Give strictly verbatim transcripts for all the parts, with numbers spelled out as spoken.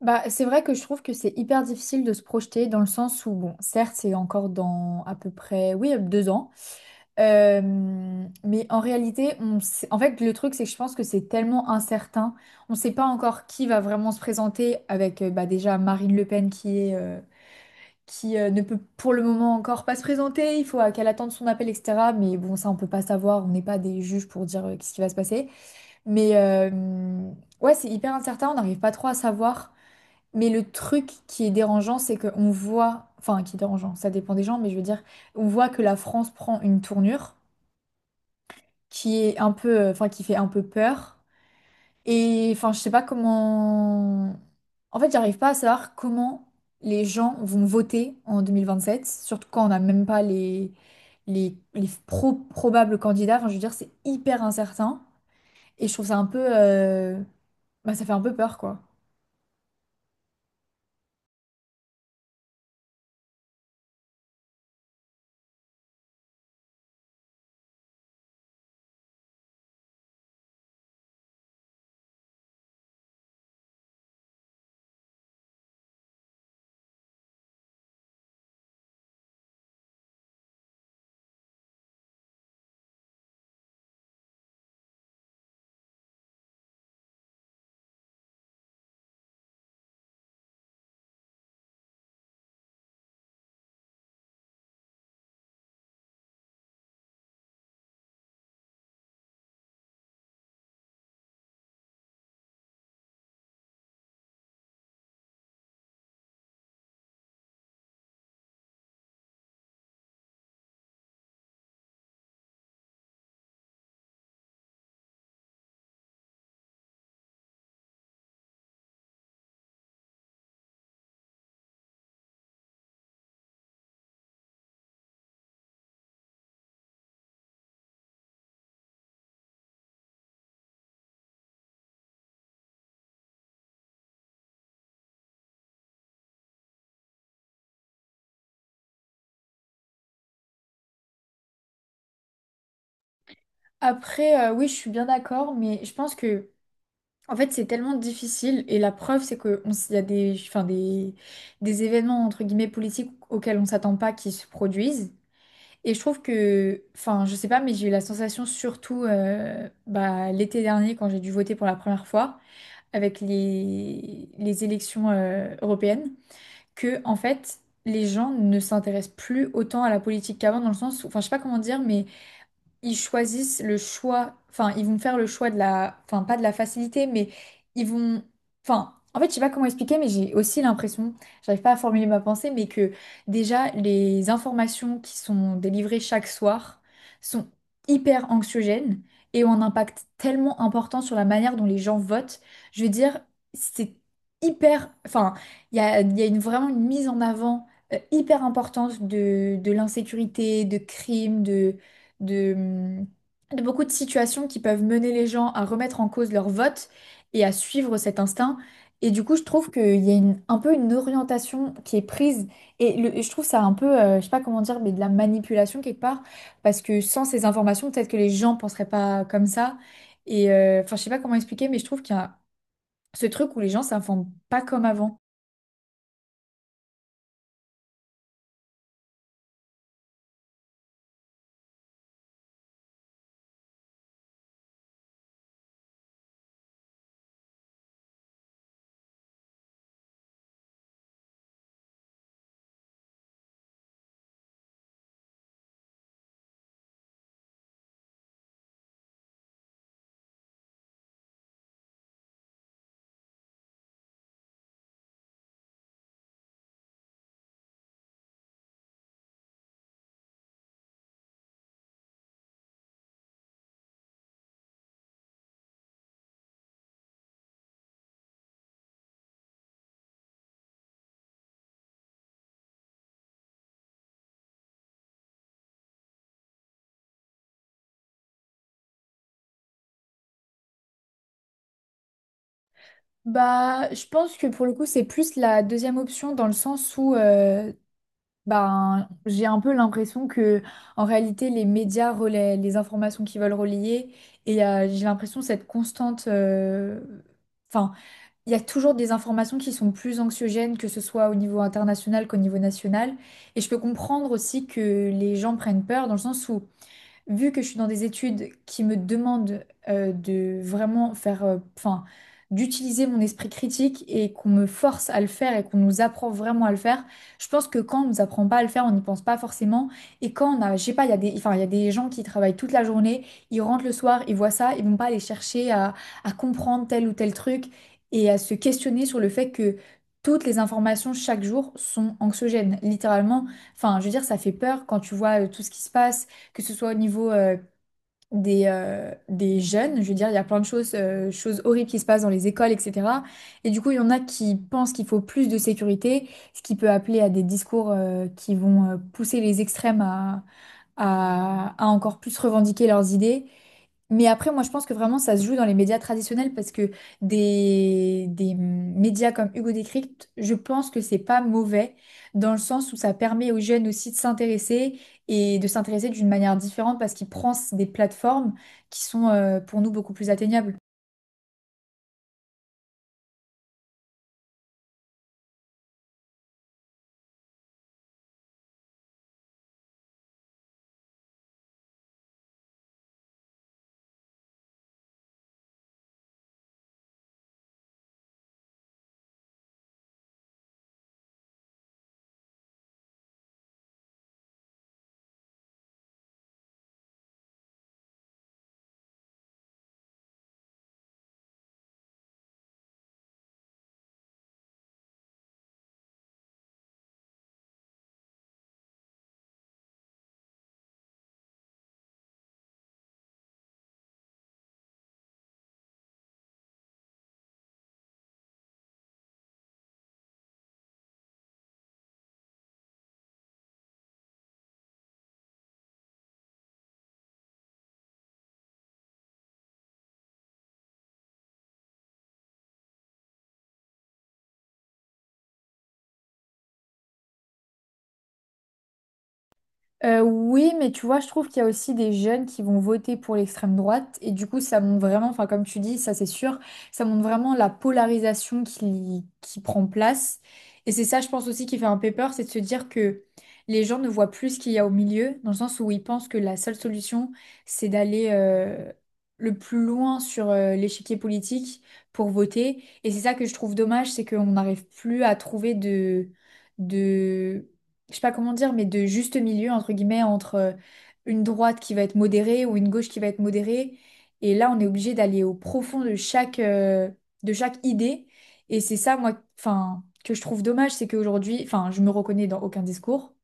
Bah, c'est vrai que je trouve que c'est hyper difficile de se projeter dans le sens où, bon, certes, c'est encore dans à peu près, oui, deux ans, euh, mais en réalité, on sait- en fait, le truc, c'est que je pense que c'est tellement incertain, on ne sait pas encore qui va vraiment se présenter avec, euh, bah, déjà Marine Le Pen qui est, euh, qui euh, ne peut pour le moment encore pas se présenter, il faut euh, qu'elle attende son appel, et cetera. Mais bon, ça, on peut pas savoir, on n'est pas des juges pour dire euh, qu'est-ce qui va se passer. Mais euh, ouais, c'est hyper incertain, on n'arrive pas trop à savoir. Mais le truc qui est dérangeant, c'est qu'on voit, enfin qui est dérangeant, ça dépend des gens, mais je veux dire, on voit que la France prend une tournure qui est un peu, euh, enfin qui fait un peu peur. Et enfin, je sais pas comment. En fait, j'arrive pas à savoir comment les gens vont voter en deux mille vingt sept, surtout quand on n'a même pas les, les, les pro- probables candidats. Enfin, je veux dire, c'est hyper incertain. Et je trouve ça un peu, euh, bah, ça fait un peu peur, quoi. Après, euh, oui, je suis bien d'accord, mais je pense que, en fait, c'est tellement difficile et la preuve, c'est qu'il y a des, enfin, des, des événements entre guillemets politiques auxquels on s'attend pas qui se produisent. Et je trouve que, enfin, je sais pas, mais j'ai eu la sensation surtout euh, bah, l'été dernier quand j'ai dû voter pour la première fois avec les, les élections euh, européennes, que en fait, les gens ne s'intéressent plus autant à la politique qu'avant dans le sens, où- enfin, je sais pas comment dire, mais ils choisissent le choix, enfin, ils vont faire le choix de la, enfin, pas de la facilité, mais ils vont, enfin, en fait, je sais pas comment expliquer, mais j'ai aussi l'impression, j'arrive pas à formuler ma pensée, mais que déjà, les informations qui sont délivrées chaque soir sont hyper anxiogènes et ont un impact tellement important sur la manière dont les gens votent. Je veux dire, c'est hyper, enfin, il y a, il y a une, vraiment une mise en avant euh, hyper importante de, de l'insécurité, de crimes, de, mm, de beaucoup de situations qui peuvent mener les gens à remettre en cause leur vote et à suivre cet instinct. Et du coup, je trouve qu'il y a une- un peu une orientation qui est prise. Et, le- et je trouve ça un peu, euh, je sais pas comment dire, mais de la manipulation quelque part. Parce que sans ces informations, peut-être que les gens penseraient pas comme ça. Et euh, enfin, je sais pas comment expliquer, mais je trouve qu'il y a ce truc où les gens s'informent pas comme avant. Bah, je pense que pour le coup, c'est plus la deuxième option dans le sens où euh, ben, j'ai un peu l'impression que, en réalité, les médias relaient les informations qu'ils veulent relayer et euh, j'ai l'impression cette constante. euh, Enfin, il y a toujours des informations qui sont plus anxiogènes, que ce soit au niveau international qu'au niveau national. Et je peux comprendre aussi que les gens prennent peur dans le sens où vu que je suis dans des études qui me demandent euh, de vraiment faire, euh, enfin, d'utiliser mon esprit critique et qu'on me force à le faire et qu'on nous apprend vraiment à le faire, je pense que quand on nous apprend pas à le faire, on n'y pense pas forcément. Et quand on a, je sais pas, il y a des, enfin, il y a des gens qui travaillent toute la journée, ils rentrent le soir, ils voient ça, ils vont pas aller chercher à, à comprendre tel ou tel truc et à se questionner sur le fait que toutes les informations chaque jour sont anxiogènes, littéralement. Enfin, je veux dire, ça fait peur quand tu vois euh, tout ce qui se passe, que ce soit au niveau euh, des, euh, des jeunes, je veux dire, il y a plein de choses, euh, choses horribles qui se passent dans les écoles, et cetera. Et du coup, il y en a qui pensent qu'il faut plus de sécurité, ce qui peut appeler à des discours euh, qui vont euh, pousser les extrêmes à, à, à encore plus revendiquer leurs idées. Mais après, moi, je pense que vraiment, ça se joue dans les médias traditionnels parce que des, des médias comme Hugo Décrypte, je pense que c'est pas mauvais dans le sens où ça permet aux jeunes aussi de s'intéresser et de s'intéresser d'une manière différente parce qu'il prend des plateformes qui sont euh, pour nous beaucoup plus atteignables. Euh, oui, mais tu vois, je trouve qu'il y a aussi des jeunes qui vont voter pour l'extrême droite et du coup, ça montre vraiment, enfin comme tu dis, ça c'est sûr, ça montre vraiment la polarisation qui, qui prend place. Et c'est ça, je pense aussi, qui fait un peu peur, c'est de se dire que les gens ne voient plus ce qu'il y a au milieu, dans le sens où ils pensent que la seule solution, c'est d'aller euh, le plus loin sur euh, l'échiquier politique pour voter. Et c'est ça que je trouve dommage, c'est qu'on n'arrive plus à trouver de... de je sais pas comment dire, mais de juste milieu, entre guillemets, entre euh, une droite qui va être modérée ou une gauche qui va être modérée. Et là, on est obligé d'aller au profond de chaque, euh, de chaque idée. Et c'est ça, moi, enfin, que je trouve dommage, c'est qu'aujourd'hui, enfin, je me reconnais dans aucun discours.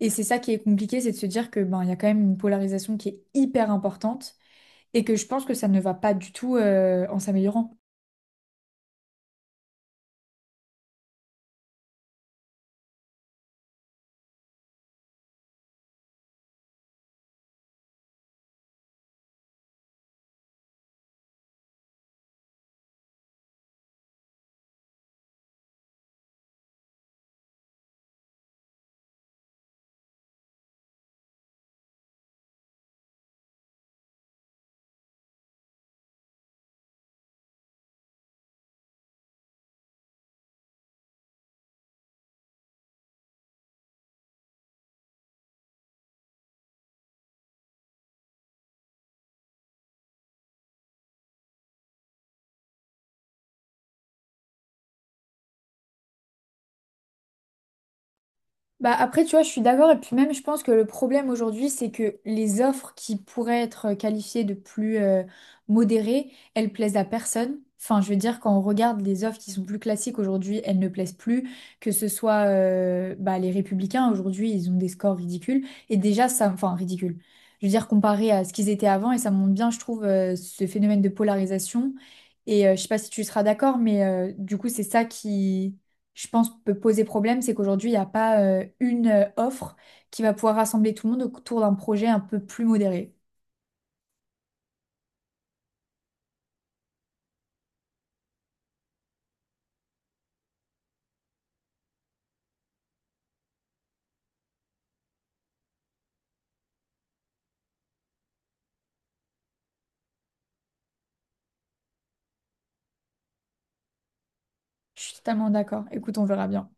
Et c'est ça qui est compliqué, c'est de se dire que ben, il y a quand même une polarisation qui est hyper importante et que je pense que ça ne va pas du tout, euh, en s'améliorant. Bah après, tu vois, je suis d'accord. Et puis même, je pense que le problème aujourd'hui, c'est que les offres qui pourraient être euh, qualifiées de plus euh, modérées, elles plaisent à personne. Enfin, je veux dire, quand on regarde les offres qui sont plus classiques aujourd'hui, elles ne plaisent plus. Que ce soit euh, bah, les Républicains, aujourd'hui, ils ont des scores ridicules. Et déjà, ça, enfin, ridicule. Je veux dire, comparé à ce qu'ils étaient avant, et ça montre bien, je trouve, euh, ce phénomène de polarisation. Et euh, je sais pas si tu seras d'accord, mais euh, du coup, c'est ça qui, je pense, peut poser problème, c'est qu'aujourd'hui, il n'y a pas euh, une euh, offre qui va pouvoir rassembler tout le monde autour d'un projet un peu plus modéré. Je suis totalement d'accord. Écoute, on verra bien.